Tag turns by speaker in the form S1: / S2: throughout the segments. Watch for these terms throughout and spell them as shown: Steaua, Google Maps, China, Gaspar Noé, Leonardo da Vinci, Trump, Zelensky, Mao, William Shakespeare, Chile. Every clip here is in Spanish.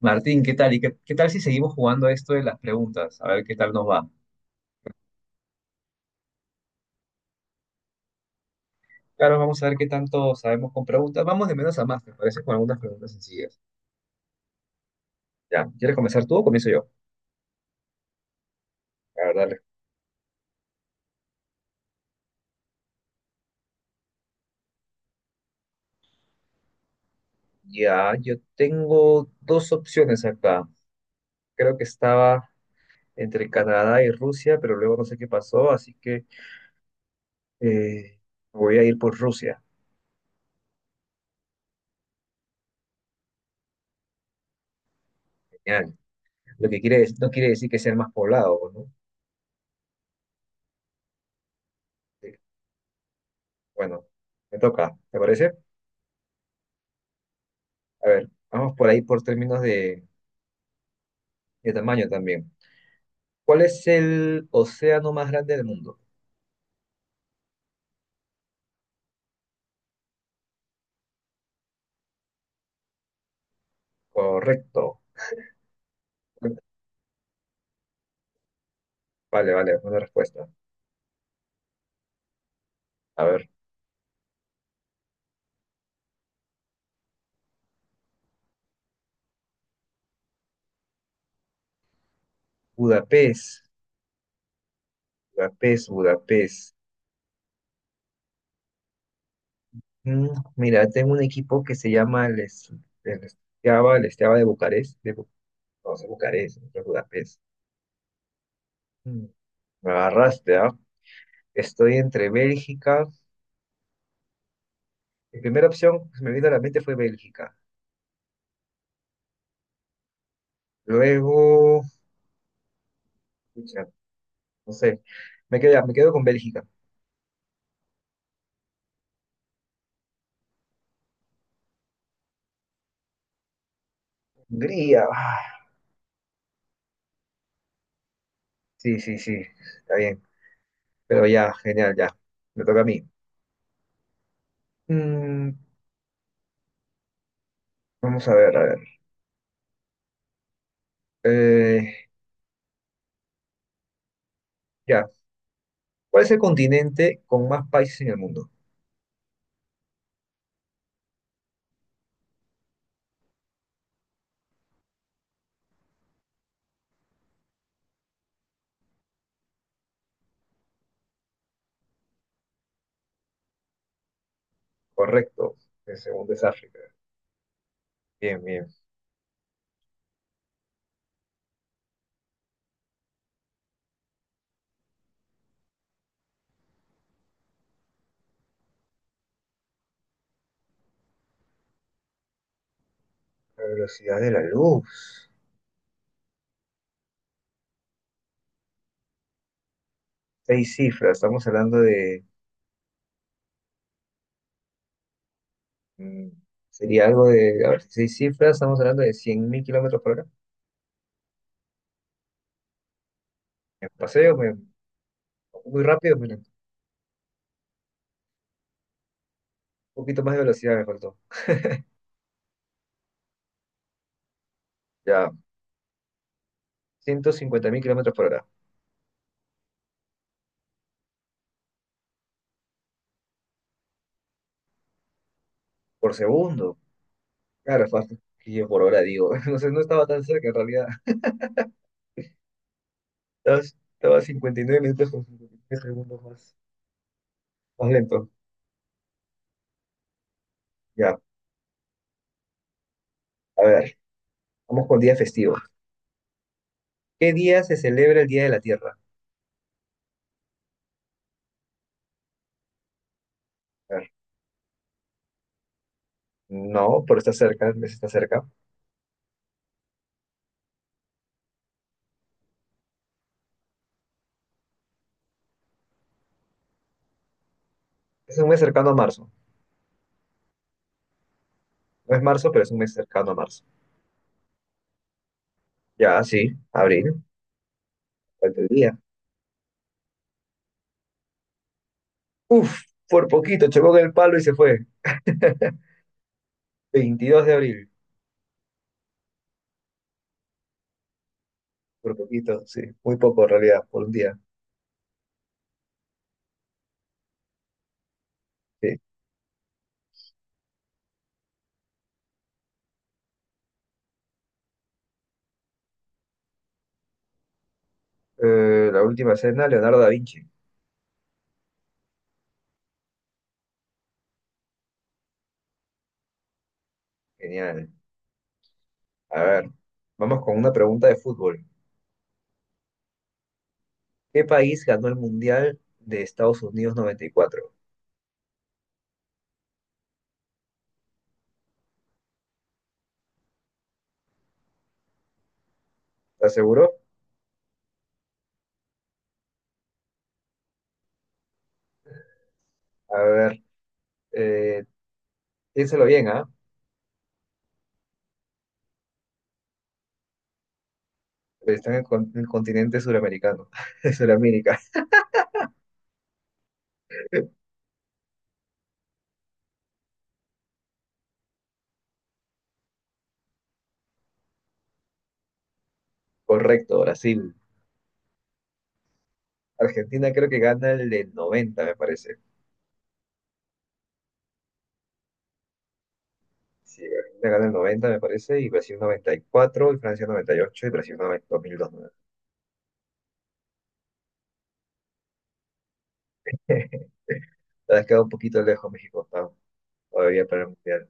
S1: Martín, ¿qué tal? ¿Y qué tal si seguimos jugando esto de las preguntas? A ver qué tal nos va. Claro, vamos a ver qué tanto sabemos con preguntas. Vamos de menos a más, me parece, con algunas preguntas sencillas. Ya, ¿quieres comenzar tú o comienzo yo? A ver, dale. Ya, yo tengo dos opciones acá. Creo que estaba entre Canadá y Rusia, pero luego no sé qué pasó, así que eh, voy a ir por Rusia. Genial. Lo que quiere, no quiere decir que sea el más poblado, ¿no? Sí. Bueno, me toca, ¿te parece? A ver, vamos por ahí por términos de tamaño también. ¿Cuál es el océano más grande del mundo? Correcto. Vale, vale, buena respuesta. A ver, Budapest, Budapest. Mm, mira, tengo un equipo que se llama el el Steaua de Bucarest, no sé, Bucarest, no sé, Budapest. Mm, me agarraste, ¿ah? Estoy entre Bélgica. Mi primera opción que se me vino a la mente fue Bélgica. Luego, pucha, no sé, me quedo con Bélgica. Hungría. Sí, sí, sí, está bien. Pero ya, genial, ya. Me toca a mí. Mm, vamos a ver, a ver. Eh, ya. ¿Cuál es el continente con más países en el mundo? Correcto. El segundo es África. Bien, bien. La velocidad de la luz. Seis cifras. Estamos hablando de mm, sería algo de. A ver, seis cifras. Estamos hablando de 100.000 kilómetros por hora. Me paseo, me, muy rápido, un poquito más de velocidad me faltó. Ya. 150.000 kilómetros por hora. Por segundo. Claro, fue hasta yo por hora, digo. No sé, no estaba tan cerca en realidad. Estaba 59 minutos con 59 segundos más, más lento. Ya, a ver, vamos con día festivo. ¿Qué día se celebra el Día de la Tierra? A ver, no, pero está cerca, el mes está cerca. Es un mes cercano a marzo. No es marzo, pero es un mes cercano a marzo. Ya, sí, abril, falta el día. Uf, por poquito, chocó con el palo y se fue. 22 de abril, por poquito, sí, muy poco en realidad, por un día. Sí. La última cena, Leonardo da Vinci. Genial. A ver, vamos con una pregunta de fútbol. ¿Qué país ganó el Mundial de Estados Unidos 94? ¿Estás seguro? A ver, eh, piénsalo bien, ¿ah? Están en el continente suramericano, de Suramérica. Correcto, Brasil. Argentina creo que gana el del 90, me parece. Sí, Argentina gana el 90, me parece, y Brasil noventa y cuatro, y Francia noventa y ocho y Brasil 90 2002. Te has quedado un poquito lejos, México, octavo, todavía para el Mundial.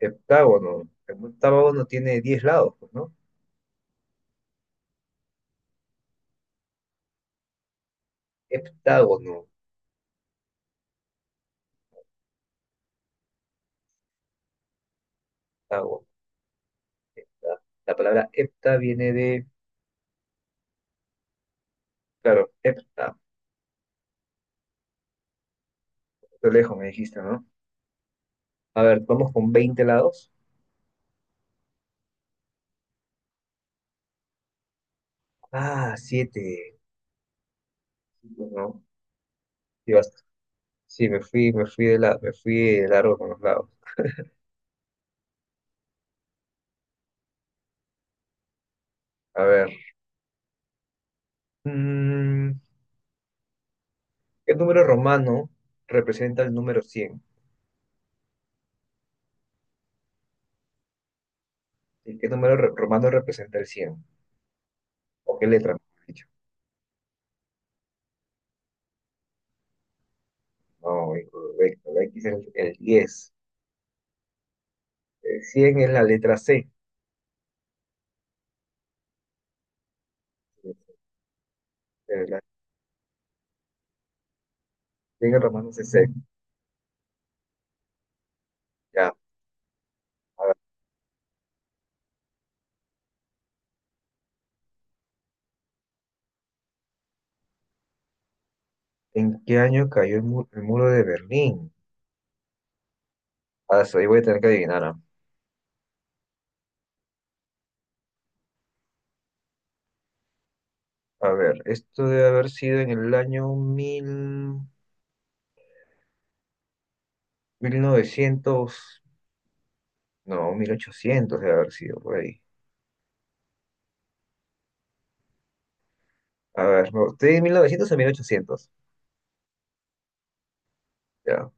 S1: Heptágono. El octágono tiene 10 lados, pues, ¿no? heptágono, heptágono, La, la palabra hepta viene de, claro, hepta, lo lejos me dijiste, ¿no? A ver, vamos con 20 lados. Ah, siete. No, sí, basta. Sí, me fui de largo con los lados. A ver. mm, ¿Qué número romano representa el número 100? ¿Y qué romano representa el 100? ¿O qué letra, mejor dicho? No, incorrecto. La X es el 10. El 100 es la letra C. La 100 en romano es C. Ya. ¿En qué año cayó el muro de Berlín? Ah, eso ahí voy a tener que adivinar, ah. A ver, esto debe haber sido en el año mil, 1900, no, 1800 debe haber sido por ahí. A ver, no, estoy en 1900 o mil ochocientos, ya.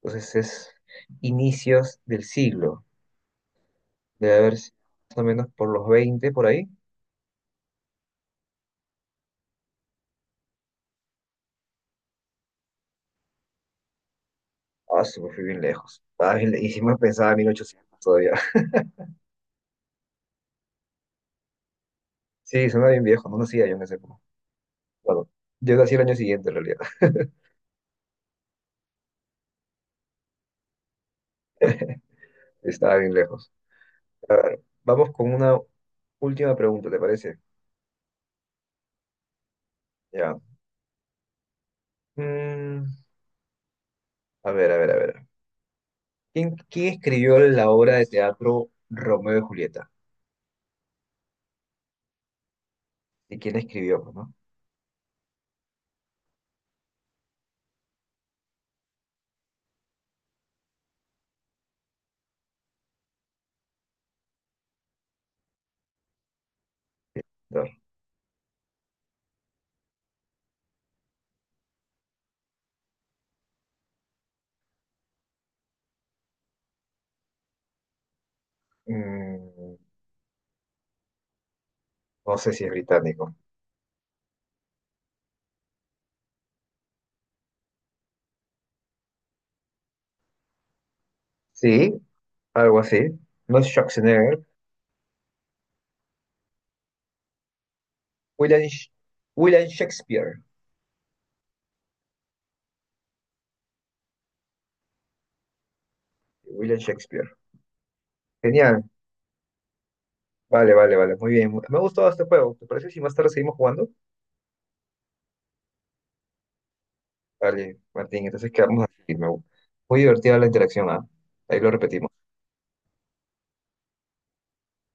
S1: Entonces es inicios del siglo, debe haber sido más o menos por los 20 por ahí. Ah, sí, me fui bien lejos. Ah, y si me pensaba 1800 todavía. Sí, suena bien viejo, no nacía yo en ese época. Bueno, yo nací el año siguiente en realidad, estaba bien lejos. A ver, vamos con una última pregunta, ¿te parece? Ya. Mm, a ver. Quién escribió la obra de teatro Romeo y Julieta? ¿Y quién la escribió, pues, no? A ver. Mm, no sé si es británico. Sí, algo así. No es Schwarzenegger. William, Sh- William Shakespeare. William Shakespeare. Genial. Vale, vale, vale. Muy bien. Me ha gustado este juego. ¿Te parece si más tarde seguimos jugando? Vale, Martín. Entonces quedamos así. Me- muy divertida la interacción, ¿ah? Ahí lo repetimos.